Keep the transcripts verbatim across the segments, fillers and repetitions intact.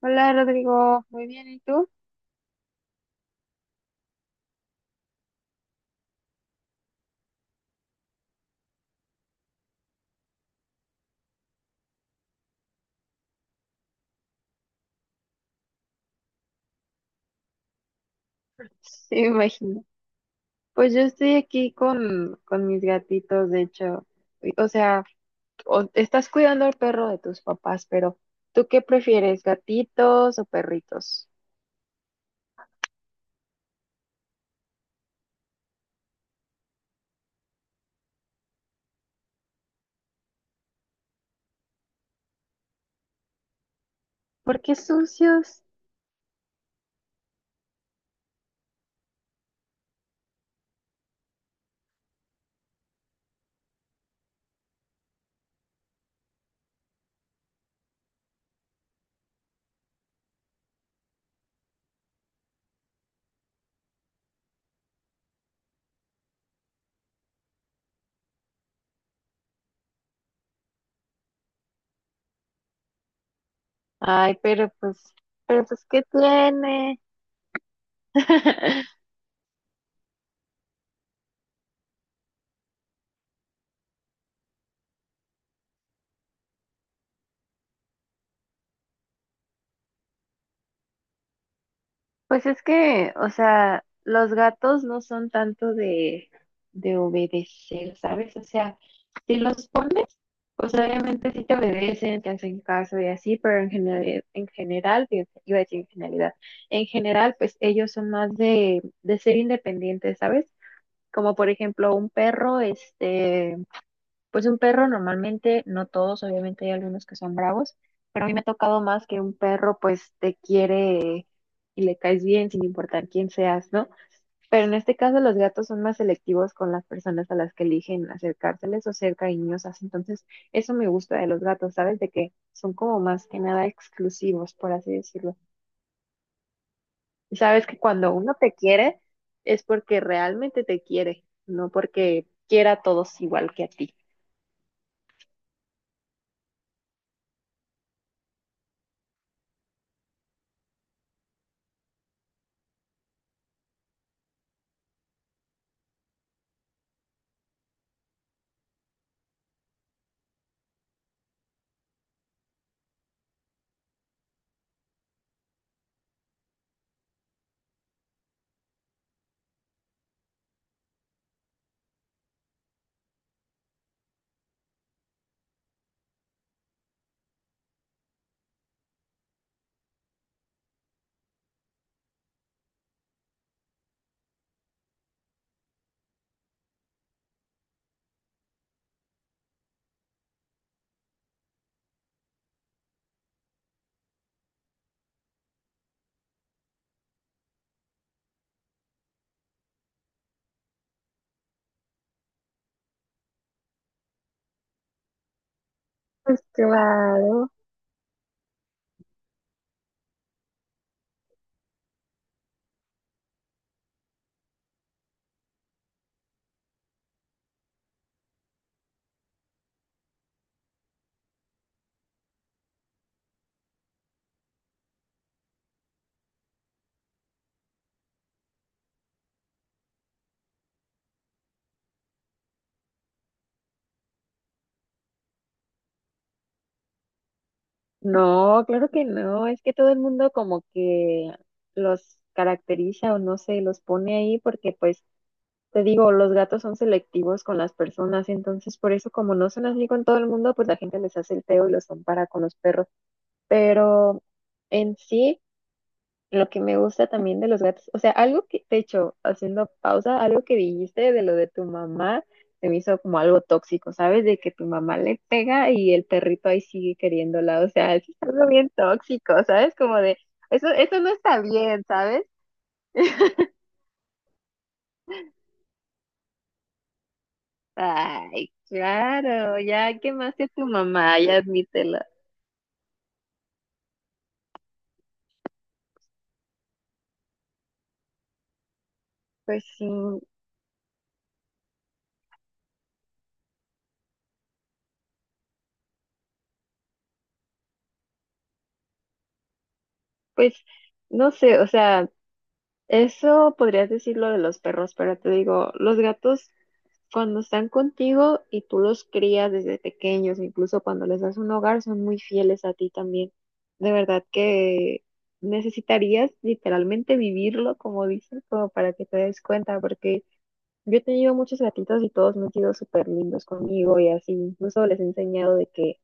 Hola Rodrigo, muy bien, ¿y tú? Sí, me imagino. Pues yo estoy aquí con, con mis gatitos, de hecho. Y- O sea, o- Estás cuidando al perro de tus papás, pero ¿tú qué prefieres, gatitos o perritos? ¿Por qué sucios? Ay, pero pues, pero pues, ¿qué tiene? Pues es que, o sea, los gatos no son tanto de, de obedecer, ¿sabes? O sea, si los pones, pues obviamente sí te obedecen, te hacen caso y así, pero en general, en general, fíjate, iba a decir en generalidad, en general, pues ellos son más de, de ser independientes, ¿sabes? Como por ejemplo un perro, este pues un perro normalmente, no todos, obviamente hay algunos que son bravos, pero a mí me ha tocado más que un perro pues te quiere y le caes bien sin importar quién seas, ¿no? Pero en este caso los gatos son más selectivos con las personas a las que eligen acercárseles o ser cariñosas, entonces eso me gusta de los gatos, ¿sabes? De que son como más que nada exclusivos, por así decirlo. Y sabes que cuando uno te quiere es porque realmente te quiere, no porque quiera a todos igual que a ti. Pues claro. No, claro que no. Es que todo el mundo como que los caracteriza o no sé, los pone ahí porque pues te digo, los gatos son selectivos con las personas, entonces por eso como no son así con todo el mundo, pues la gente les hace el feo y los compara con los perros. Pero en sí... Lo que me gusta también de los gatos, o sea, algo que, de hecho, haciendo pausa, algo que dijiste de lo de tu mamá, se me hizo como algo tóxico, ¿sabes? De que tu mamá le pega y el perrito ahí sigue queriéndola, o sea, eso es algo bien tóxico, ¿sabes? Como de, eso, eso no está bien, ¿sabes? Ay, claro, ya quemaste a tu mamá, ya admítelo. Pues sí, pues no sé, o sea. Eso podrías decirlo de los perros, pero te digo, los gatos cuando están contigo y tú los crías desde pequeños, incluso cuando les das un hogar, son muy fieles a ti también. De verdad que necesitarías literalmente vivirlo, como dicen, como para que te des cuenta, porque yo he tenido muchos gatitos y todos me han sido súper lindos conmigo y así, incluso les he enseñado de que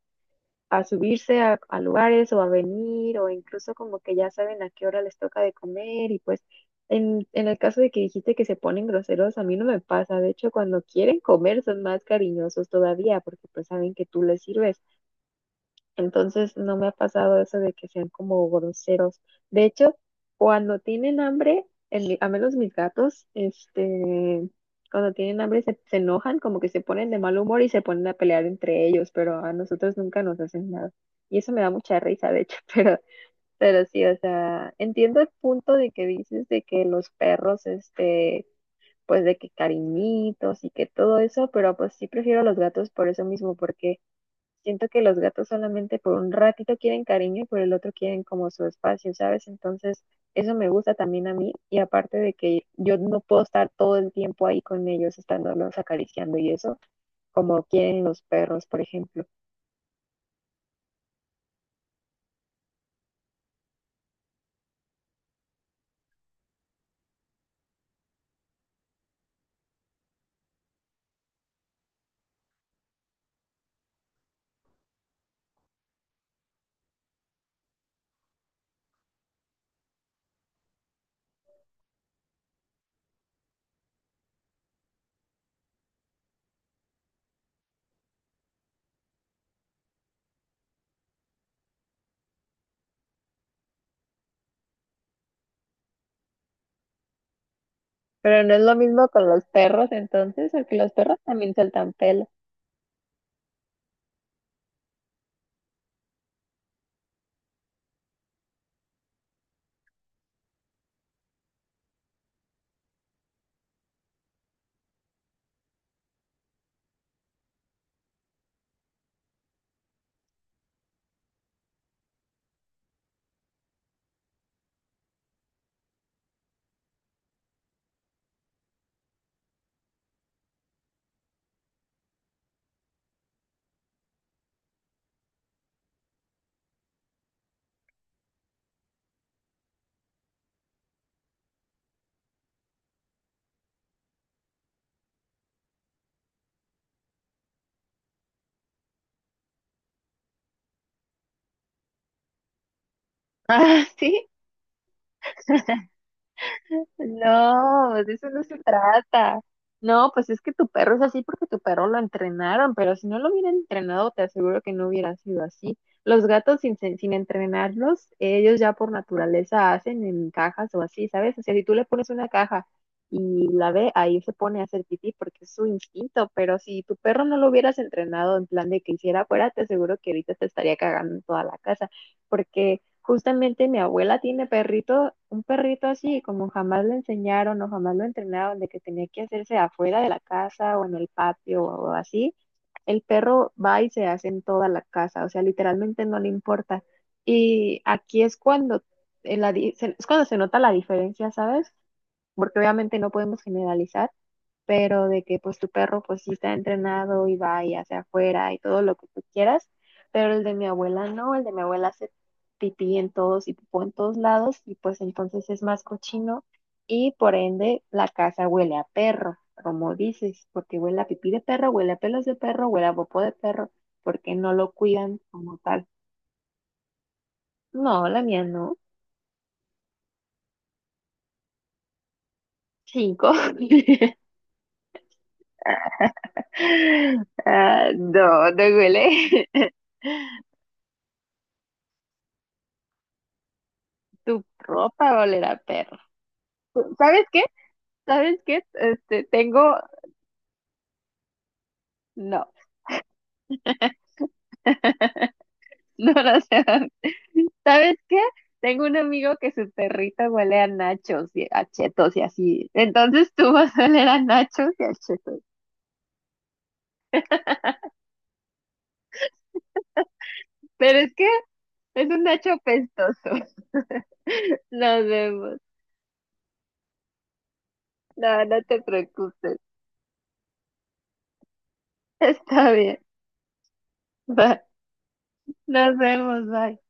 a subirse a, a lugares o a venir o incluso como que ya saben a qué hora les toca de comer y pues en, en el caso de que dijiste que se ponen groseros, a mí no me pasa, de hecho cuando quieren comer son más cariñosos todavía porque pues saben que tú les sirves. Entonces no me ha pasado eso de que sean como groseros. De hecho, cuando tienen hambre, el- a menos mis gatos, este, cuando tienen hambre se, se enojan, como que se ponen de mal humor y se ponen a pelear entre ellos, pero a nosotros nunca nos hacen nada. Y eso me da mucha risa, de hecho, pero, pero sí, o sea, entiendo el punto de que dices de que los perros, este, pues de que cariñitos y que todo eso, pero pues sí prefiero a los gatos por eso mismo, porque siento que los gatos solamente por un ratito quieren cariño y por el otro quieren como su espacio, ¿sabes? Entonces, eso me gusta también a mí y aparte de que yo no puedo estar todo el tiempo ahí con ellos, estándolos acariciando y eso, como quieren los perros, por ejemplo. Pero no es lo mismo con los perros entonces, porque los perros también sueltan pelo. Ah, sí. No, de eso no se trata. No, pues es que tu perro es así porque tu perro lo entrenaron, pero si no lo hubieran entrenado, te aseguro que no hubiera sido así. Los gatos sin, se- sin entrenarlos, ellos ya por naturaleza hacen en cajas o así, ¿sabes? O sea, si tú le pones una caja y la ve, ahí se pone a hacer pipí porque es su instinto, pero si tu perro no lo hubieras entrenado en plan de que hiciera fuera, te aseguro que ahorita te estaría cagando en toda la casa, porque justamente mi abuela tiene perrito, un perrito así, como jamás lo enseñaron o jamás lo entrenaron, de que tenía que hacerse afuera de la casa o en el patio o así, el perro va y se hace en toda la casa, o sea, literalmente no le importa. Y aquí es cuando, en la di- se- es cuando se nota la diferencia, ¿sabes? Porque obviamente no podemos generalizar, pero de que pues tu perro pues sí está entrenado y va y hacia afuera y todo lo que tú quieras, pero el de mi abuela no, el de mi abuela hace pipí en todos y pipó en todos lados y pues entonces es más cochino y por ende la casa huele a perro, como dices, porque huele a pipí de perro, huele a pelos de perro, huele a popó de perro, porque no lo cuidan como tal. No, la mía no. Cinco. Ah, no, no huele. Tu ropa olerá a perro. ¿Sabes qué? ¿Sabes qué? Este, tengo, no, no, no, o sea, ¿sabes qué? Tengo un amigo que su perrita huele a nachos y a chetos y así. Entonces tú vas a oler a nachos y a chetos. Pero es que es un nacho pestoso. Nos vemos. No, no te preocupes. Está bien. Bye. Nos vemos. Bye.